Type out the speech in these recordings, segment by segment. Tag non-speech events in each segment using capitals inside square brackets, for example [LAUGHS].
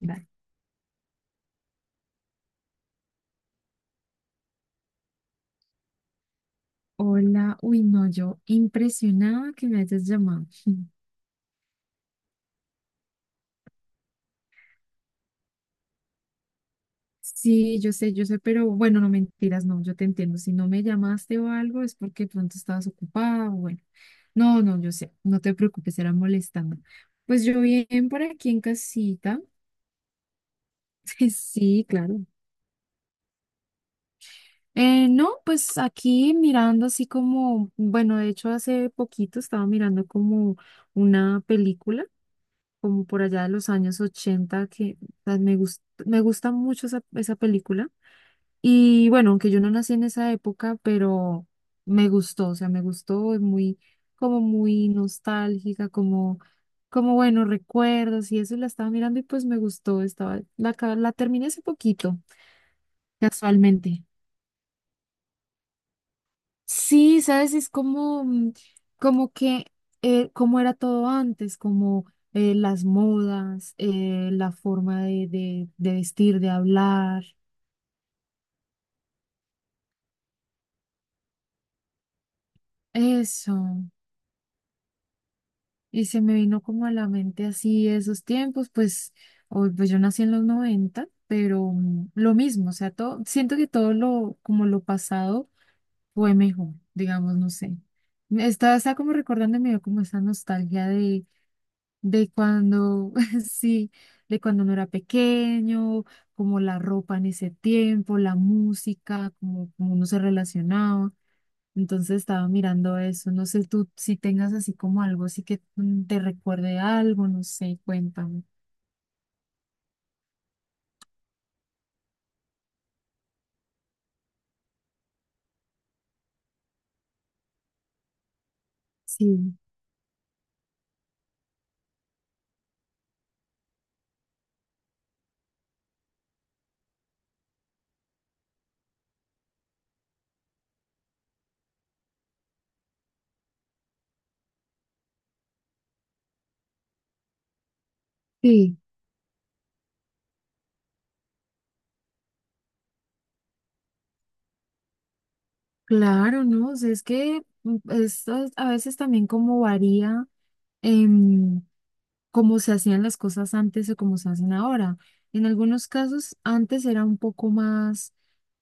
Vale. Hola, uy, no, yo impresionada que me hayas llamado. Sí, yo sé, pero bueno, no mentiras, no, yo te entiendo. Si no me llamaste o algo es porque pronto estabas ocupada, o bueno. No, no, yo sé, no te preocupes, era molestando. Pues yo bien por aquí en casita. [LAUGHS] Sí, claro. No, pues aquí mirando así como, bueno, de hecho hace poquito estaba mirando como una película, como por allá de los años ochenta. Que ah, me me gusta mucho esa, esa película. Y bueno, aunque yo no nací en esa época, pero me gustó, o sea, me gustó, es muy, como muy nostálgica, como, como bueno, recuerdos y eso. Y la estaba mirando y pues me gustó, la terminé hace poquito, casualmente. Sí, sabes, es como, como que, como era todo antes, como las modas, la forma de, de vestir, de hablar, eso. Y se me vino como a la mente así esos tiempos. Pues hoy, pues yo nací en los noventa, pero lo mismo, o sea, todo, siento que todo lo, como lo pasado fue mejor, digamos, no sé. Estaba como recordando, me dio como esa nostalgia de cuando, [LAUGHS] sí, de cuando uno era pequeño, como la ropa en ese tiempo, la música, como, como uno se relacionaba. Entonces estaba mirando eso. No sé tú si tengas así como algo, así que te recuerde algo, no sé, cuéntame. Sí, sí, claro, ¿no? O sea, es que a veces también como varía, em, cómo se hacían las cosas antes o cómo se hacen ahora. En algunos casos antes era un poco más,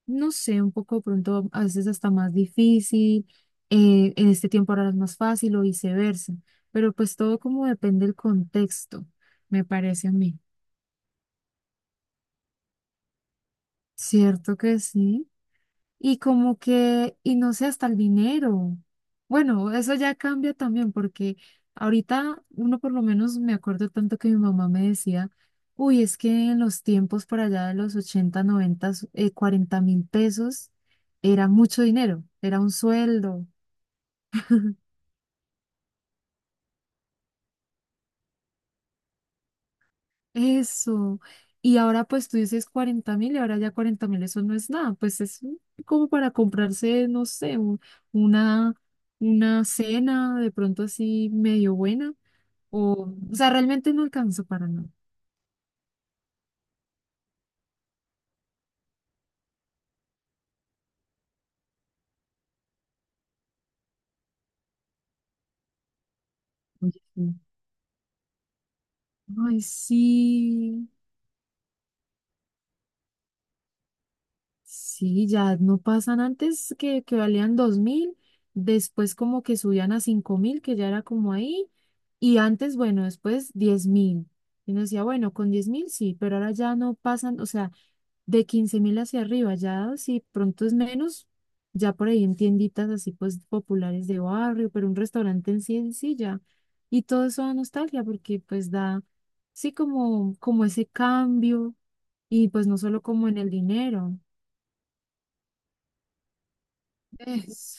no sé, un poco pronto a veces hasta más difícil. Eh, en este tiempo ahora es más fácil o viceversa, pero pues todo como depende del contexto, me parece a mí. Cierto que sí. Y como que, y no sé, hasta el dinero. Bueno, eso ya cambia también porque ahorita uno, por lo menos me acuerdo tanto que mi mamá me decía, uy, es que en los tiempos por allá de los 80 90, 40.000 pesos era mucho dinero, era un sueldo. Eso. Y ahora pues tú dices 40.000 y ahora ya 40.000, eso no es nada. Pues es un- como para comprarse, no sé, un- una, una cena de pronto así medio buena. O sea, realmente no alcanzó para nada. Oye, sí. Ay, sí. Sí, ya no pasan, antes que valían 2.000, después como que subían a 5.000 que ya era como ahí. Y antes, bueno, después 10.000. Y uno decía, bueno, con 10.000 sí, pero ahora ya no pasan, o sea, de 15.000 hacia arriba. Ya si pronto es menos, ya por ahí en tienditas así pues populares de barrio, pero un restaurante en sí ya. Y todo eso da nostalgia porque pues da, sí, como, como ese cambio, y pues no solo como en el dinero. Es-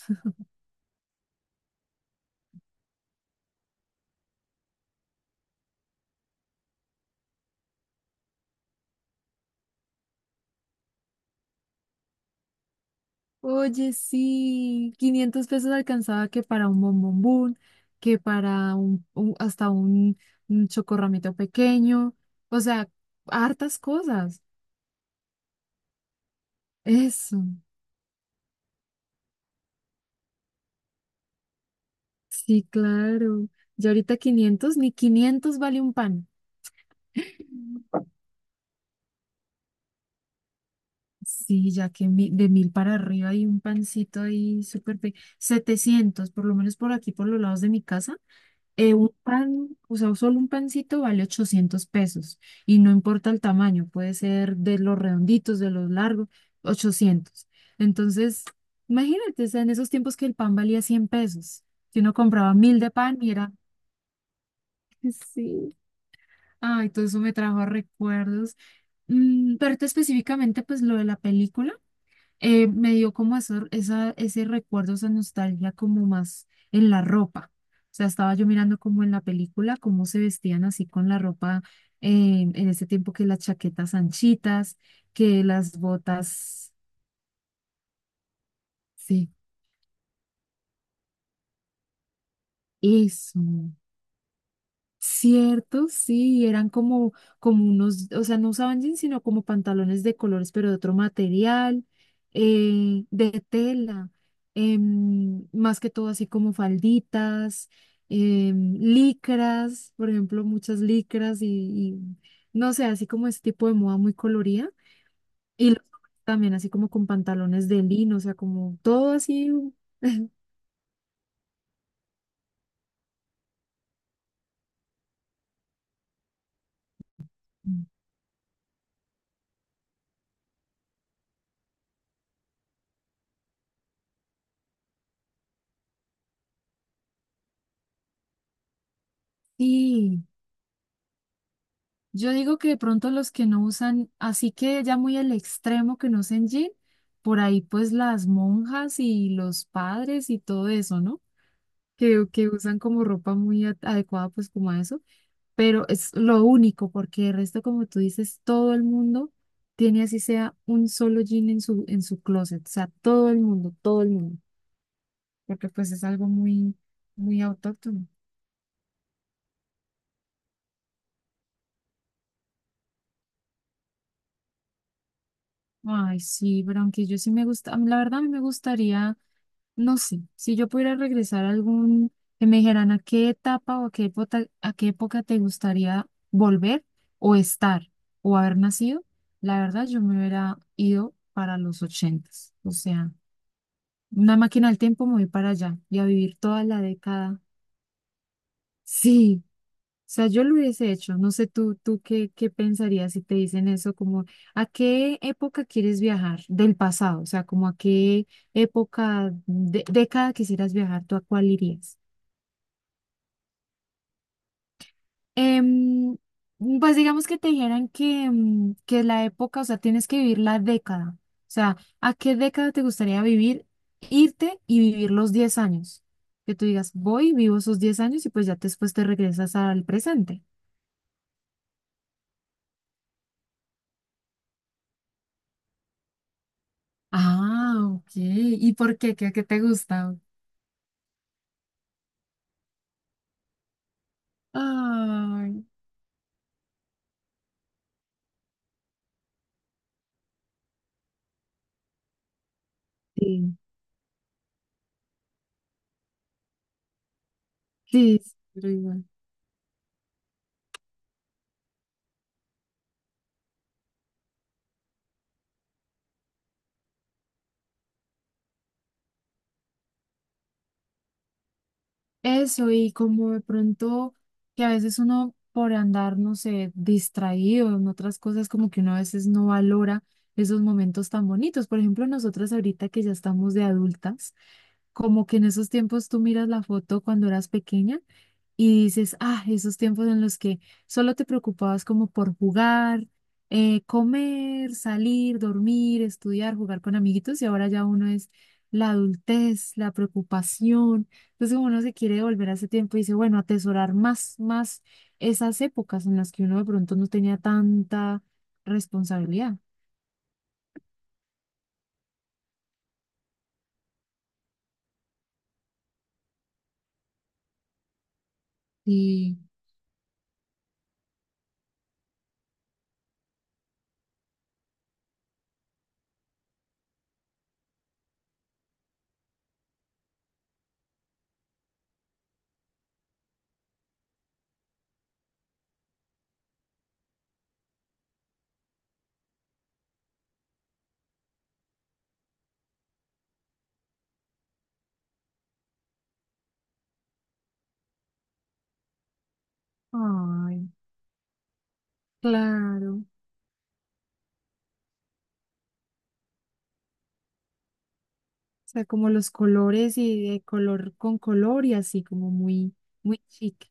Oye, sí, 500 pesos alcanzaba que para un bombombón, que para un chocorramito pequeño, o sea, hartas cosas. Eso, sí, claro. Ya ahorita 500, ni 500 vale un pan. Sí, ya que de 1.000 para arriba hay un pancito ahí 700, por lo menos por aquí, por los lados de mi casa. Eh, un pan, o sea, solo un pancito vale 800 pesos y no importa el tamaño, puede ser de los redonditos, de los largos, 800. Entonces, imagínate, o sea, en esos tiempos que el pan valía 100 pesos, que uno compraba 1.000 de pan y era, [LAUGHS] sí, ay, todo eso me trajo recuerdos. Mm, pero ahorita específicamente, pues lo de la película, me dio como eso, esa, ese recuerdo, esa nostalgia como más en la ropa. O sea, estaba yo mirando como en la película, cómo se vestían así con la ropa, en ese tiempo, que las chaquetas anchitas, que las botas, sí, eso. Cierto, sí, eran como, como unos, o sea, no usaban jeans, sino como pantalones de colores, pero de otro material, de tela. Em, más que todo así como falditas, licras, por ejemplo, muchas licras y no sé, así como ese tipo de moda muy colorida. Y los hombres también así como con pantalones de lino, o sea, como todo así, sí. Yo digo que de pronto los que no usan, así que ya muy el extremo que no usen jean, por ahí pues las monjas y los padres y todo eso, ¿no? Que usan como ropa muy adecuada pues como a eso, pero es lo único, porque el resto, como tú dices, todo el mundo tiene así sea un solo jean en su closet, o sea, todo el mundo, porque pues es algo muy, muy autóctono. Ay, sí, pero aunque yo sí me gusta, a mí la verdad a mí me gustaría, no sé, si yo pudiera regresar a algún, que me dijeran a qué etapa o a qué época te gustaría volver o estar o haber nacido, la verdad yo me hubiera ido para los ochentas. O sea, una máquina del tiempo, me voy para allá y a vivir toda la década. Sí, sea, yo lo hubiese hecho. No sé tú, tú qué, qué pensarías si te dicen eso, como a qué época quieres viajar del pasado, o sea, como a qué época, de, década quisieras viajar, ¿tú a cuál irías? Em, pues digamos que te dijeran que, que la época, o sea, tienes que vivir la década. O sea, ¿a qué década te gustaría vivir, irte y vivir los 10 años? Que tú digas, voy, vivo esos 10 años y pues ya después te regresas al presente. Ah, ok. ¿Y por qué? ¿Qué, qué te gusta? Ay, sí. Sí, sí, [LAUGHS] pero igual. Eso, y como de pronto que a veces uno por andar, no sé, distraído en otras cosas, como que uno a veces no valora esos momentos tan bonitos. Por ejemplo, nosotras ahorita que ya estamos de adultas, como que en esos tiempos tú miras la foto cuando eras pequeña y dices, ah, esos tiempos en los que solo te preocupabas como por jugar, comer, salir, dormir, estudiar, jugar con amiguitos, y ahora ya uno es la adultez, la preocupación. Entonces como uno se quiere volver a ese tiempo y dice, bueno, atesorar más, más esas épocas en las que uno de pronto no tenía tanta responsabilidad. Y, ay, claro. O sea, como los colores y de color con color y así, como muy, muy chic.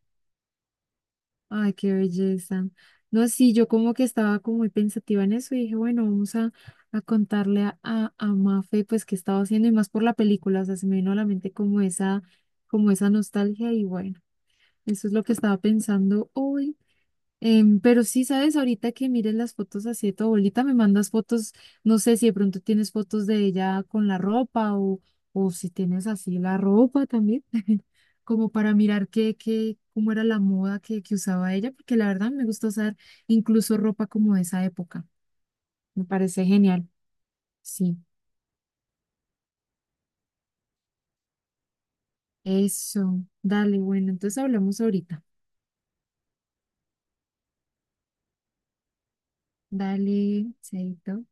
Ay, qué belleza. No, sí, yo como que estaba como muy pensativa en eso y dije, bueno, vamos a contarle a, Mafe pues qué estaba haciendo y más por la película, o sea, se me vino a la mente como esa nostalgia y bueno, eso es lo que estaba pensando hoy. Em, pero sí, sabes, ahorita que mires las fotos así de tu abuelita, me mandas fotos, no sé si de pronto tienes fotos de ella con la ropa, o si tienes así la ropa también, [LAUGHS] como para mirar qué, qué, cómo era la moda que usaba ella, porque la verdad me gusta usar incluso ropa como de esa época, me parece genial. Sí, eso, dale, bueno, entonces hablamos ahorita. Dale, chaito.